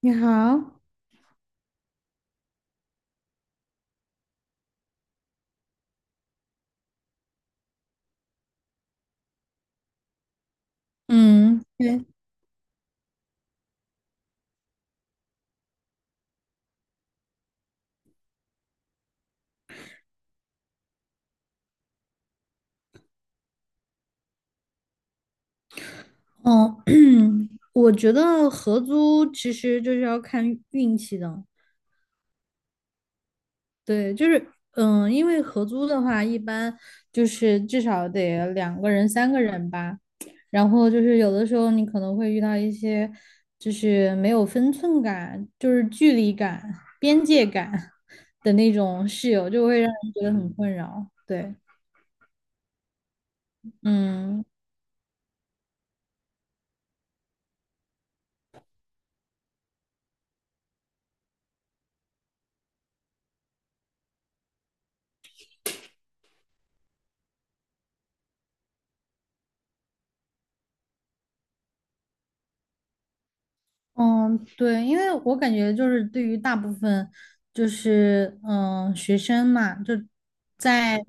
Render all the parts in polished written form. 你好。嗯，对。哦，我觉得合租其实就是要看运气的。对，因为合租的话，一般就是至少得两个人、三个人吧，然后就是有的时候你可能会遇到一些就是没有分寸感、就是距离感、边界感 的那种室友，就会让人觉得很困扰。对，嗯。嗯，对，因为我感觉就是对于大部分学生嘛，就在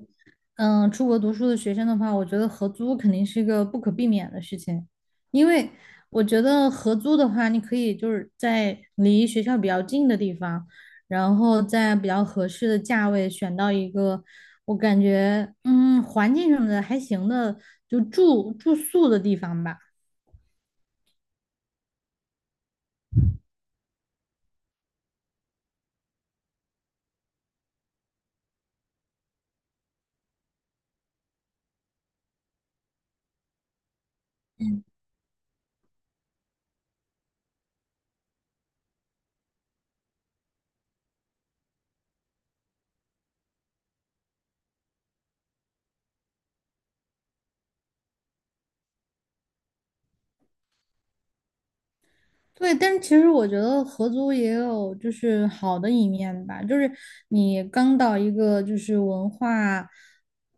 出国读书的学生的话，我觉得合租肯定是一个不可避免的事情，因为我觉得合租的话，你可以就是在离学校比较近的地方，然后在比较合适的价位选到一个我感觉环境什么的还行的，就住宿的地方吧。对，但是其实我觉得合租也有就是好的一面吧，就是你刚到一个就是文化、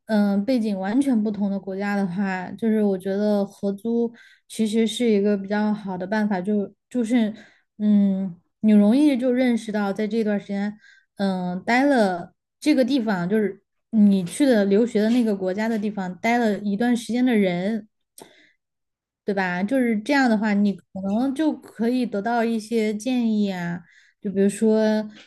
背景完全不同的国家的话，就是我觉得合租其实是一个比较好的办法，就是你容易就认识到在这段时间，待了这个地方，就是你去的留学的那个国家的地方待了一段时间的人。对吧？就是这样的话，你可能就可以得到一些建议啊，就比如说，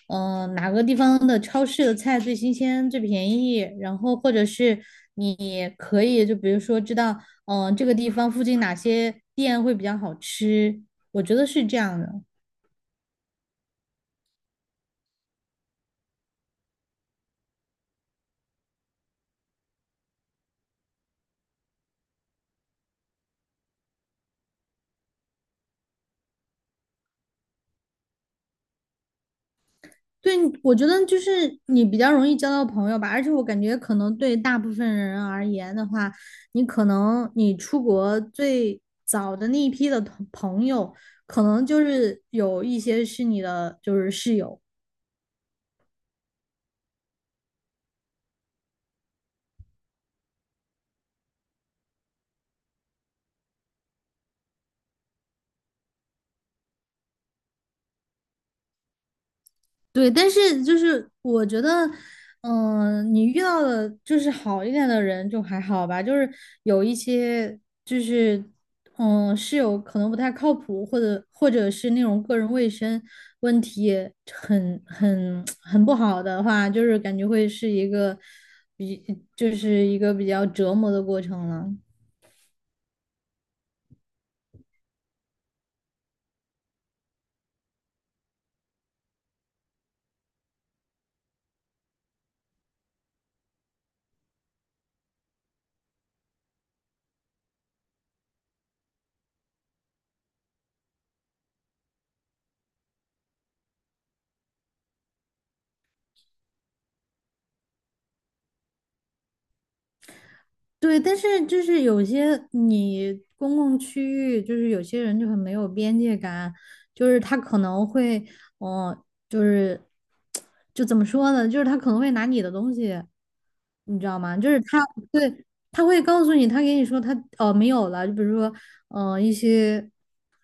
哪个地方的超市的菜最新鲜、最便宜，然后或者是你可以就比如说知道，这个地方附近哪些店会比较好吃，我觉得是这样的。对，我觉得就是你比较容易交到朋友吧，而且我感觉可能对大部分人而言的话，你可能出国最早的那一批的同朋友，可能就是有一些是你的就是室友。对，但是就是我觉得，你遇到的就是好一点的人就还好吧，就是有一些就是，室友可能不太靠谱，或者是那种个人卫生问题很 很不好的话，就是感觉会是一个比就是一个比较折磨的过程了。对，但是就是有些你公共区域，就是有些人就很没有边界感，就是他可能会，嗯，就是就怎么说呢，就是他可能会拿你的东西，你知道吗？就是对他会告诉你，他给你说他哦没有了，就比如说一些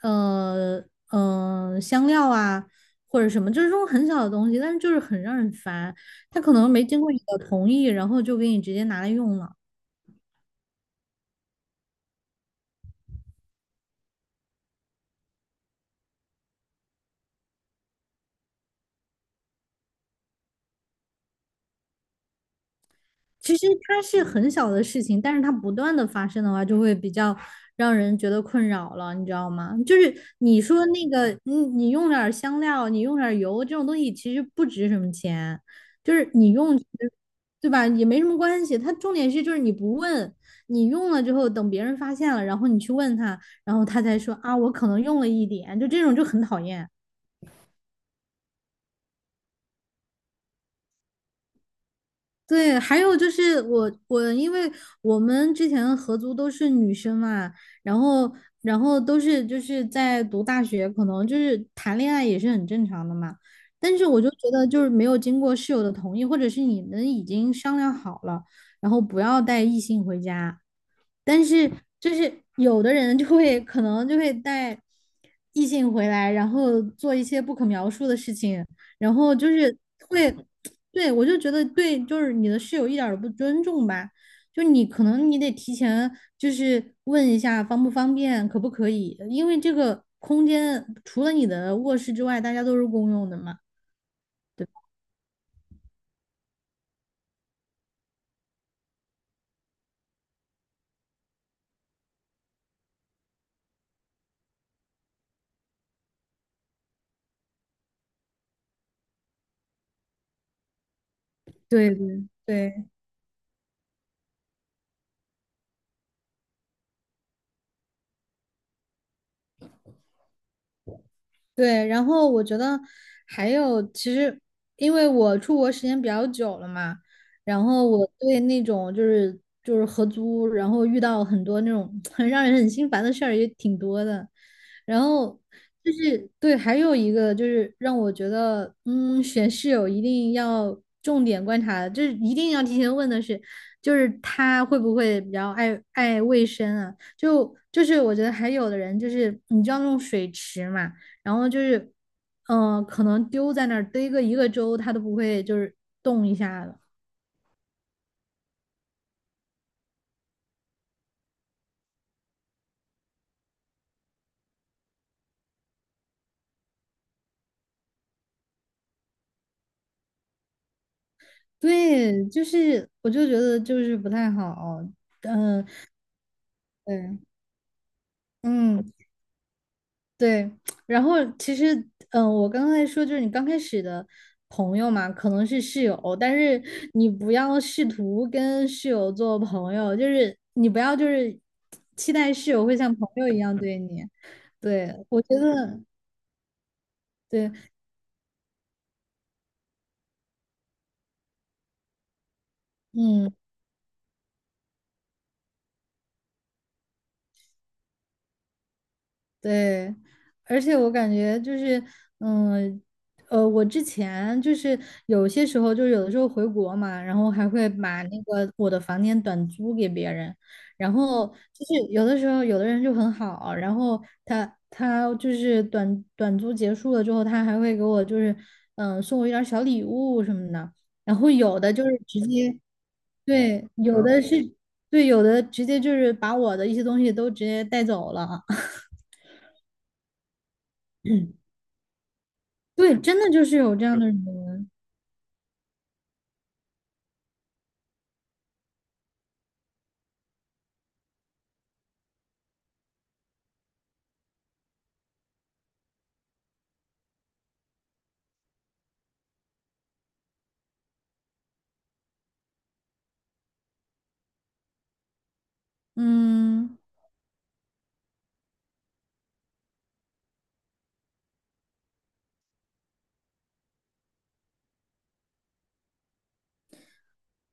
呃香料啊或者什么，就是这种很小的东西，但是就是很让人烦，他可能没经过你的同意，然后就给你直接拿来用了。其实它是很小的事情，但是它不断的发生的话，就会比较让人觉得困扰了，你知道吗？就是你说那个，你用点儿香料，你用点儿油，这种东西其实不值什么钱，就是你用，对吧？也没什么关系。它重点是就是你不问，你用了之后，等别人发现了，然后你去问他，然后他才说啊，我可能用了一点，就这种就很讨厌。对，还有就是因为我们之前合租都是女生嘛，然后都是就是在读大学，可能就是谈恋爱也是很正常的嘛。但是我就觉得就是没有经过室友的同意，或者是你们已经商量好了，然后不要带异性回家，但是就是有的人可能就会带异性回来，然后做一些不可描述的事情，然后就是会，对，我就觉得对，就是你的室友一点儿都不尊重吧，就你可能你得提前就是问一下方不方便，可不可以，因为这个空间除了你的卧室之外，大家都是公用的嘛。对对对。对，然后我觉得还有，其实因为我出国时间比较久了嘛，然后我对那种就是合租，然后遇到很多那种 很让人很心烦的事儿也挺多的。然后对，还有一个就是让我觉得，嗯，选室友一定要重点观察，就是一定要提前问的是，就是他会不会比较爱卫生啊？就是我觉得还有的人就是你知道那种水池嘛，然后就是，可能丢在那儿堆个一个周，他都不会就是动一下的。对，就是我就觉得就是不太好，嗯、对，嗯。对，然后其实，我刚才说就是你刚开始的朋友嘛，可能是室友，但是你不要试图跟室友做朋友，就是你不要就是期待室友会像朋友一样对你。对，我觉得，对，嗯。对，而且我感觉就是，嗯，我之前就是有些时候，就是有的时候回国嘛，然后还会把那个我的房间短租给别人，然后就是有的时候有的人就很好，然后他就是短租结束了之后，他还会给我就是送我一点儿小礼物什么的，然后有的就是直接对，有的是对，有的直接就是把我的一些东西都直接带走了。对，真的就是有这样的人，嗯，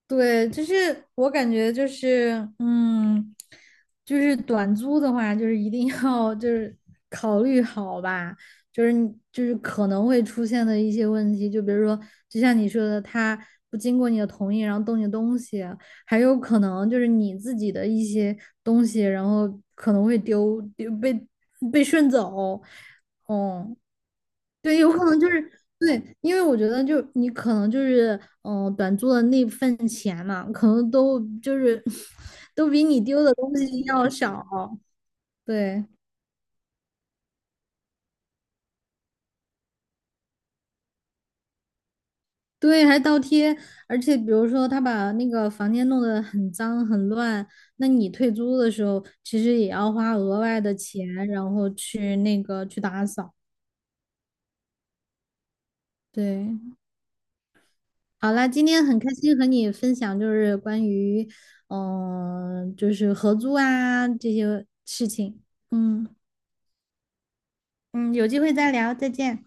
对，就是我感觉就是，就是短租的话，就是一定要就是考虑好吧，就是你就是可能会出现的一些问题，就比如说，就像你说的，他不经过你的同意，然后动你的东西，还有可能就是你自己的一些东西，然后可能会丢被顺走，哦、对，有可能就是对，因为我觉得就是你可能就是短租的那份钱嘛，可能都就是 都比你丢的东西要少。对对，还倒贴，而且比如说他把那个房间弄得很脏很乱，那你退租的时候其实也要花额外的钱，然后去那个去打扫。对，好啦，今天很开心和你分享，就是关于，就是合租啊这些事情。嗯嗯，有机会再聊，再见。